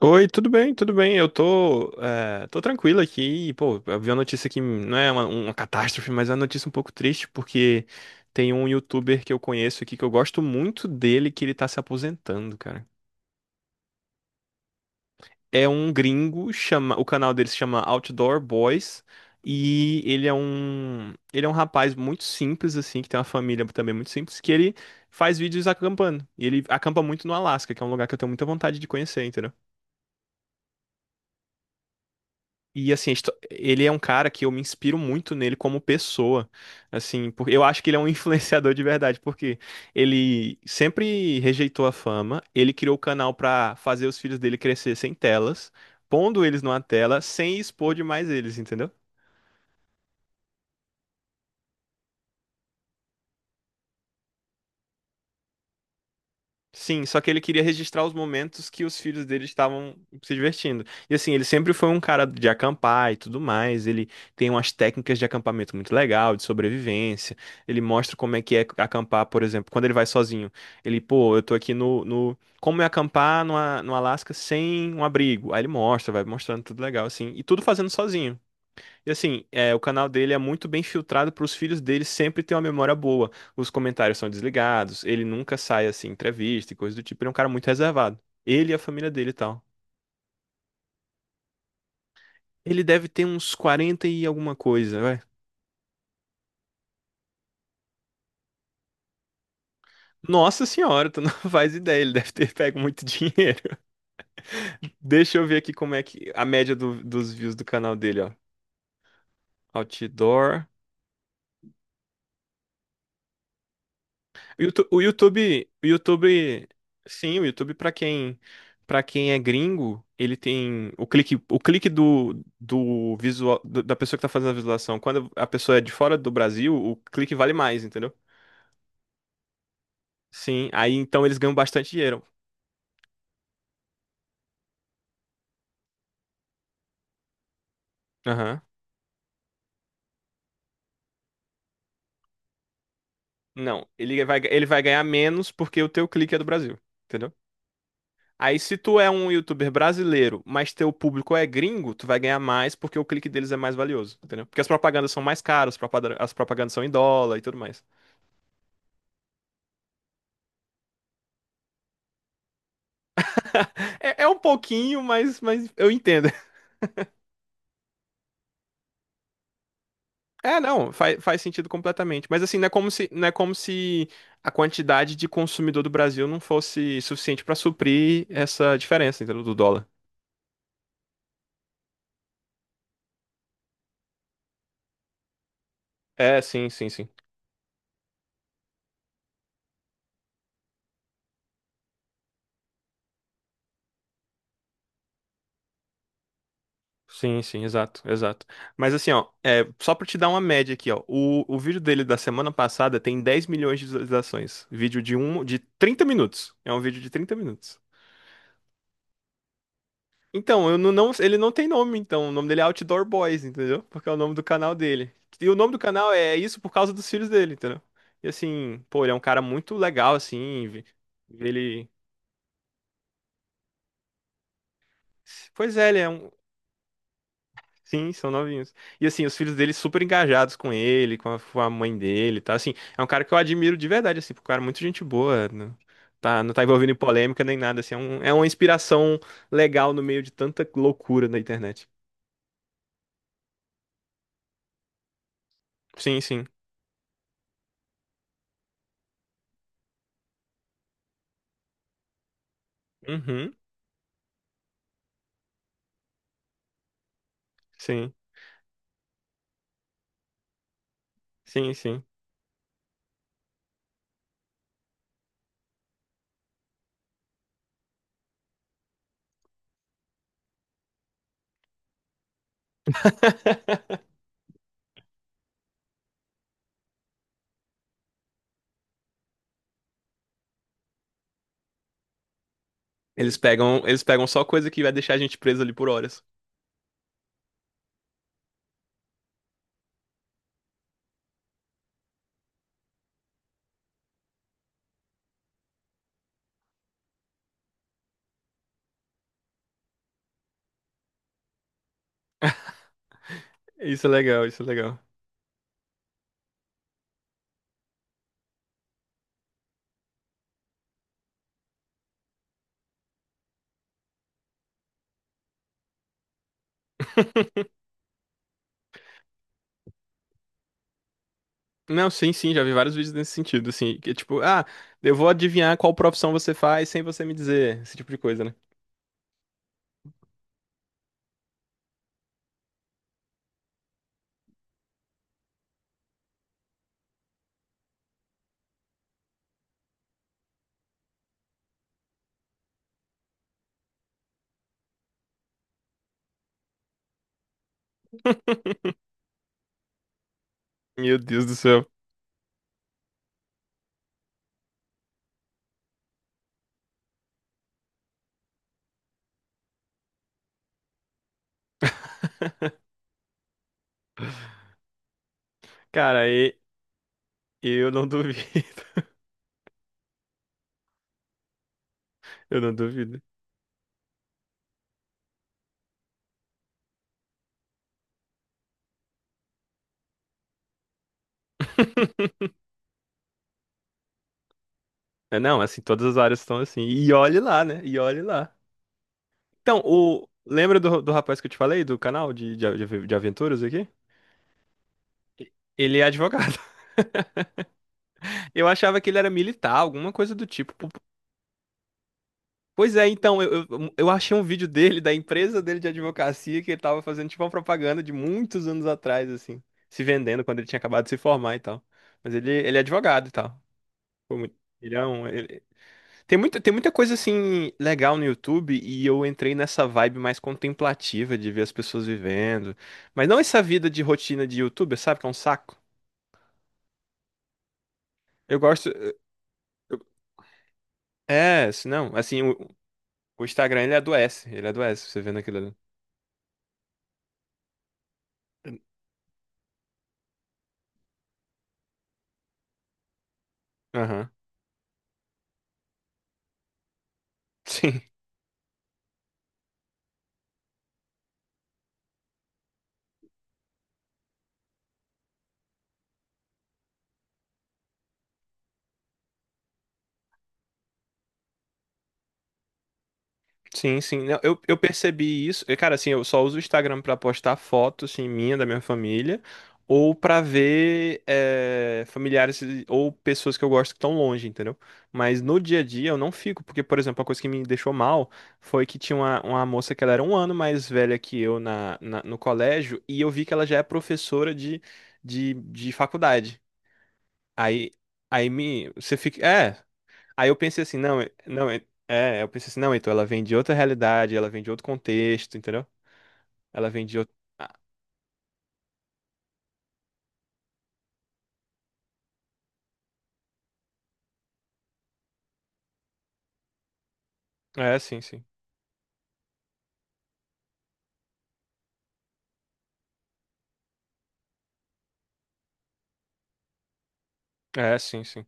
Oi, tudo bem, tudo bem. Eu tô tranquilo aqui. E pô, eu vi uma notícia que não é uma catástrofe, mas é uma notícia um pouco triste, porque tem um youtuber que eu conheço aqui que eu gosto muito dele, que ele tá se aposentando, cara. É um gringo, chama, o canal dele se chama Outdoor Boys, e ele é um rapaz muito simples, assim, que tem uma família também muito simples, que ele faz vídeos acampando. E ele acampa muito no Alasca, que é um lugar que eu tenho muita vontade de conhecer, entendeu? E assim, ele é um cara que eu me inspiro muito nele como pessoa, assim, porque eu acho que ele é um influenciador de verdade, porque ele sempre rejeitou a fama, ele criou o canal pra fazer os filhos dele crescer sem telas, pondo eles numa tela sem expor demais eles, entendeu? Sim, só que ele queria registrar os momentos que os filhos dele estavam se divertindo. E assim, ele sempre foi um cara de acampar e tudo mais. Ele tem umas técnicas de acampamento muito legal, de sobrevivência. Ele mostra como é que é acampar, por exemplo, quando ele vai sozinho. Ele, pô, eu tô aqui como é acampar no, no Alasca sem um abrigo? Aí ele mostra, vai mostrando tudo legal, assim. E tudo fazendo sozinho. E assim, é, o canal dele é muito bem filtrado para os filhos dele sempre ter uma memória boa. Os comentários são desligados, ele nunca sai assim em entrevista e coisa do tipo. Ele é um cara muito reservado. Ele e a família dele e tal. Ele deve ter uns 40 e alguma coisa, vai. Nossa senhora, tu não faz ideia, ele deve ter pego muito dinheiro. Deixa eu ver aqui como é que a dos views do canal dele, ó. Outdoor. O YouTube, sim, o YouTube para quem é gringo, ele tem o clique do visual da pessoa que tá fazendo a visualização. Quando a pessoa é de fora do Brasil, o clique vale mais, entendeu? Sim, aí então eles ganham bastante dinheiro. Aham. Não, ele vai ganhar menos porque o teu clique é do Brasil, entendeu? Aí, se tu é um youtuber brasileiro, mas teu público é gringo, tu vai ganhar mais porque o clique deles é mais valioso, entendeu? Porque as propagandas são mais caras, as propagandas são em dólar e tudo mais. É, é um pouquinho, mas eu entendo. É, não, faz sentido completamente. Mas assim, não é como se a quantidade de consumidor do Brasil não fosse suficiente pra suprir essa diferença, entendeu? Do dólar. É, sim, sim, sim. Sim, sim, exato, exato. Mas assim, ó, é, só pra te dar uma média aqui, ó. O vídeo dele da semana passada tem 10 milhões de visualizações. Vídeo de um, de 30 minutos. É um vídeo de 30 minutos. Então, eu não, não- ele não tem nome, então. O nome dele é Outdoor Boys, entendeu? Porque é o nome do canal dele. E o nome do canal é isso por causa dos filhos dele, entendeu? E assim, pô, ele é um cara muito legal, assim. Vê- vê Ele. Pois é, sim, são novinhos. E assim, os filhos dele super engajados com ele, com a mãe dele, tá? Assim, é um cara que eu admiro de verdade, assim, porque o cara é muito gente boa, tá, não tá envolvido em polêmica nem nada, assim, é um- é uma inspiração legal no meio de tanta loucura na internet. Sim, sim. Uhum, sim, sim, sim. Eles pegam só coisa que vai deixar a gente preso ali por horas. Isso é legal, isso é legal. Não, sim, sim, já vi vários vídeos nesse sentido, assim, que é tipo, ah, eu vou adivinhar qual profissão você faz sem você me dizer, esse tipo de coisa, né? Meu Deus do céu. Cara, e- eu não duvido. Eu não duvido. É, não, assim, todas as áreas estão assim. E olhe lá, né? E olhe lá. Então, o... Lembra do, do rapaz que eu te falei, do canal de aventuras aqui? Ele é advogado. Eu achava que ele era militar, alguma coisa do tipo. Pois é, então, eu achei um vídeo dele, da empresa dele de advocacia, que ele tava fazendo tipo uma propaganda de muitos anos atrás, assim, se vendendo quando ele tinha acabado de se formar e tal. Mas ele é advogado e tal. Pô, muito- ele é um, ele- tem muita, tem muita coisa assim legal no YouTube e eu entrei nessa vibe mais contemplativa de ver as pessoas vivendo. Mas não essa vida de rotina de YouTuber, sabe? Que é um saco. Eu gosto. É, se não, assim, o Instagram ele adoece, você vendo aquilo ali. Aham. Sim. Sim, sim. Não, eu percebi isso. E cara, assim, eu só uso o Instagram pra postar fotos, assim, da minha família, ou pra ver familiares ou pessoas que eu gosto que estão longe, entendeu? Mas no dia a dia eu não fico, porque, por exemplo, a coisa que me deixou mal foi que tinha uma moça que ela era 1 ano mais velha que eu no colégio, e eu vi que ela já é professora de faculdade. Aí, você fica. É. Aí eu pensei assim, não, não, eu pensei assim, não, então ela vem de outra realidade, ela vem de outro contexto, entendeu? Ela vem de outro. Ah, é, sim, sim. É, sim, sim.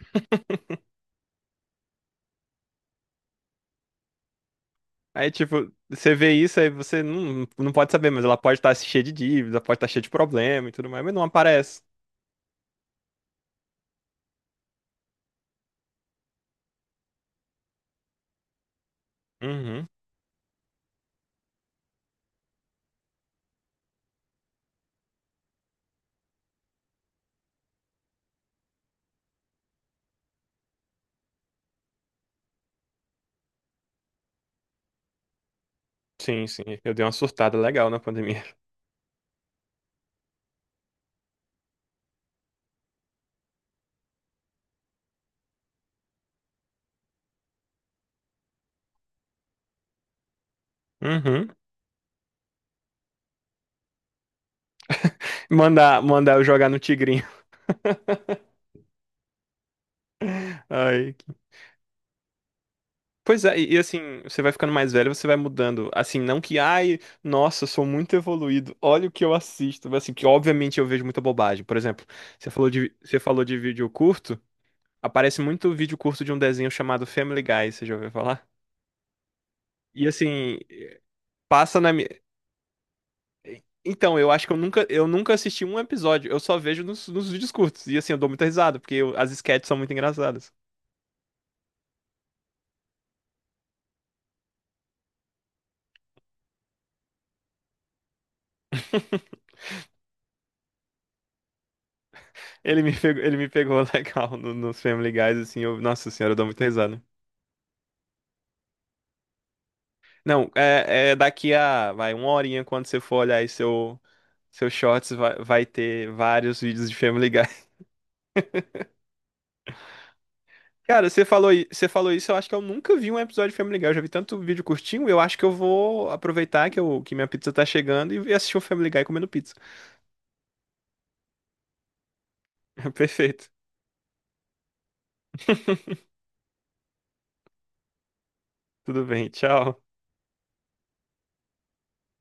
Aí, tipo, você vê isso, aí você não pode saber, mas ela pode estar cheia de dívida, pode estar cheia de problema e tudo mais, mas não aparece. Uhum. Sim, sim. Eu dei uma surtada legal na pandemia. Uhum. Mandar, mandar eu jogar no Tigrinho. Ai. Pois é, e assim, você vai ficando mais velho, você vai mudando. Assim, não que, ai, nossa, eu sou muito evoluído, olha o que eu assisto. Mas assim, que obviamente eu vejo muita bobagem. Por exemplo, você falou de vídeo curto, aparece muito vídeo curto de um desenho chamado Family Guy, você já ouviu falar? E assim, passa na minha. Então, eu acho que eu nunca assisti um episódio, eu só vejo nos, nos vídeos curtos. E assim, eu dou muita risada, porque as sketches são muito engraçadas. Ele me pegou legal nos Family Guys, assim, eu, nossa senhora, eu dou muita risada. Não, é, é daqui a, vai, uma horinha quando você for olhar aí seu shorts, vai ter vários vídeos de Family Guy. Cara, você falou isso, eu acho que eu nunca vi um episódio de Family Guy. Eu já vi tanto vídeo curtinho, eu acho que eu vou aproveitar que, que minha pizza tá chegando e assistir o Family Guy comendo pizza. Perfeito. Tudo bem, tchau.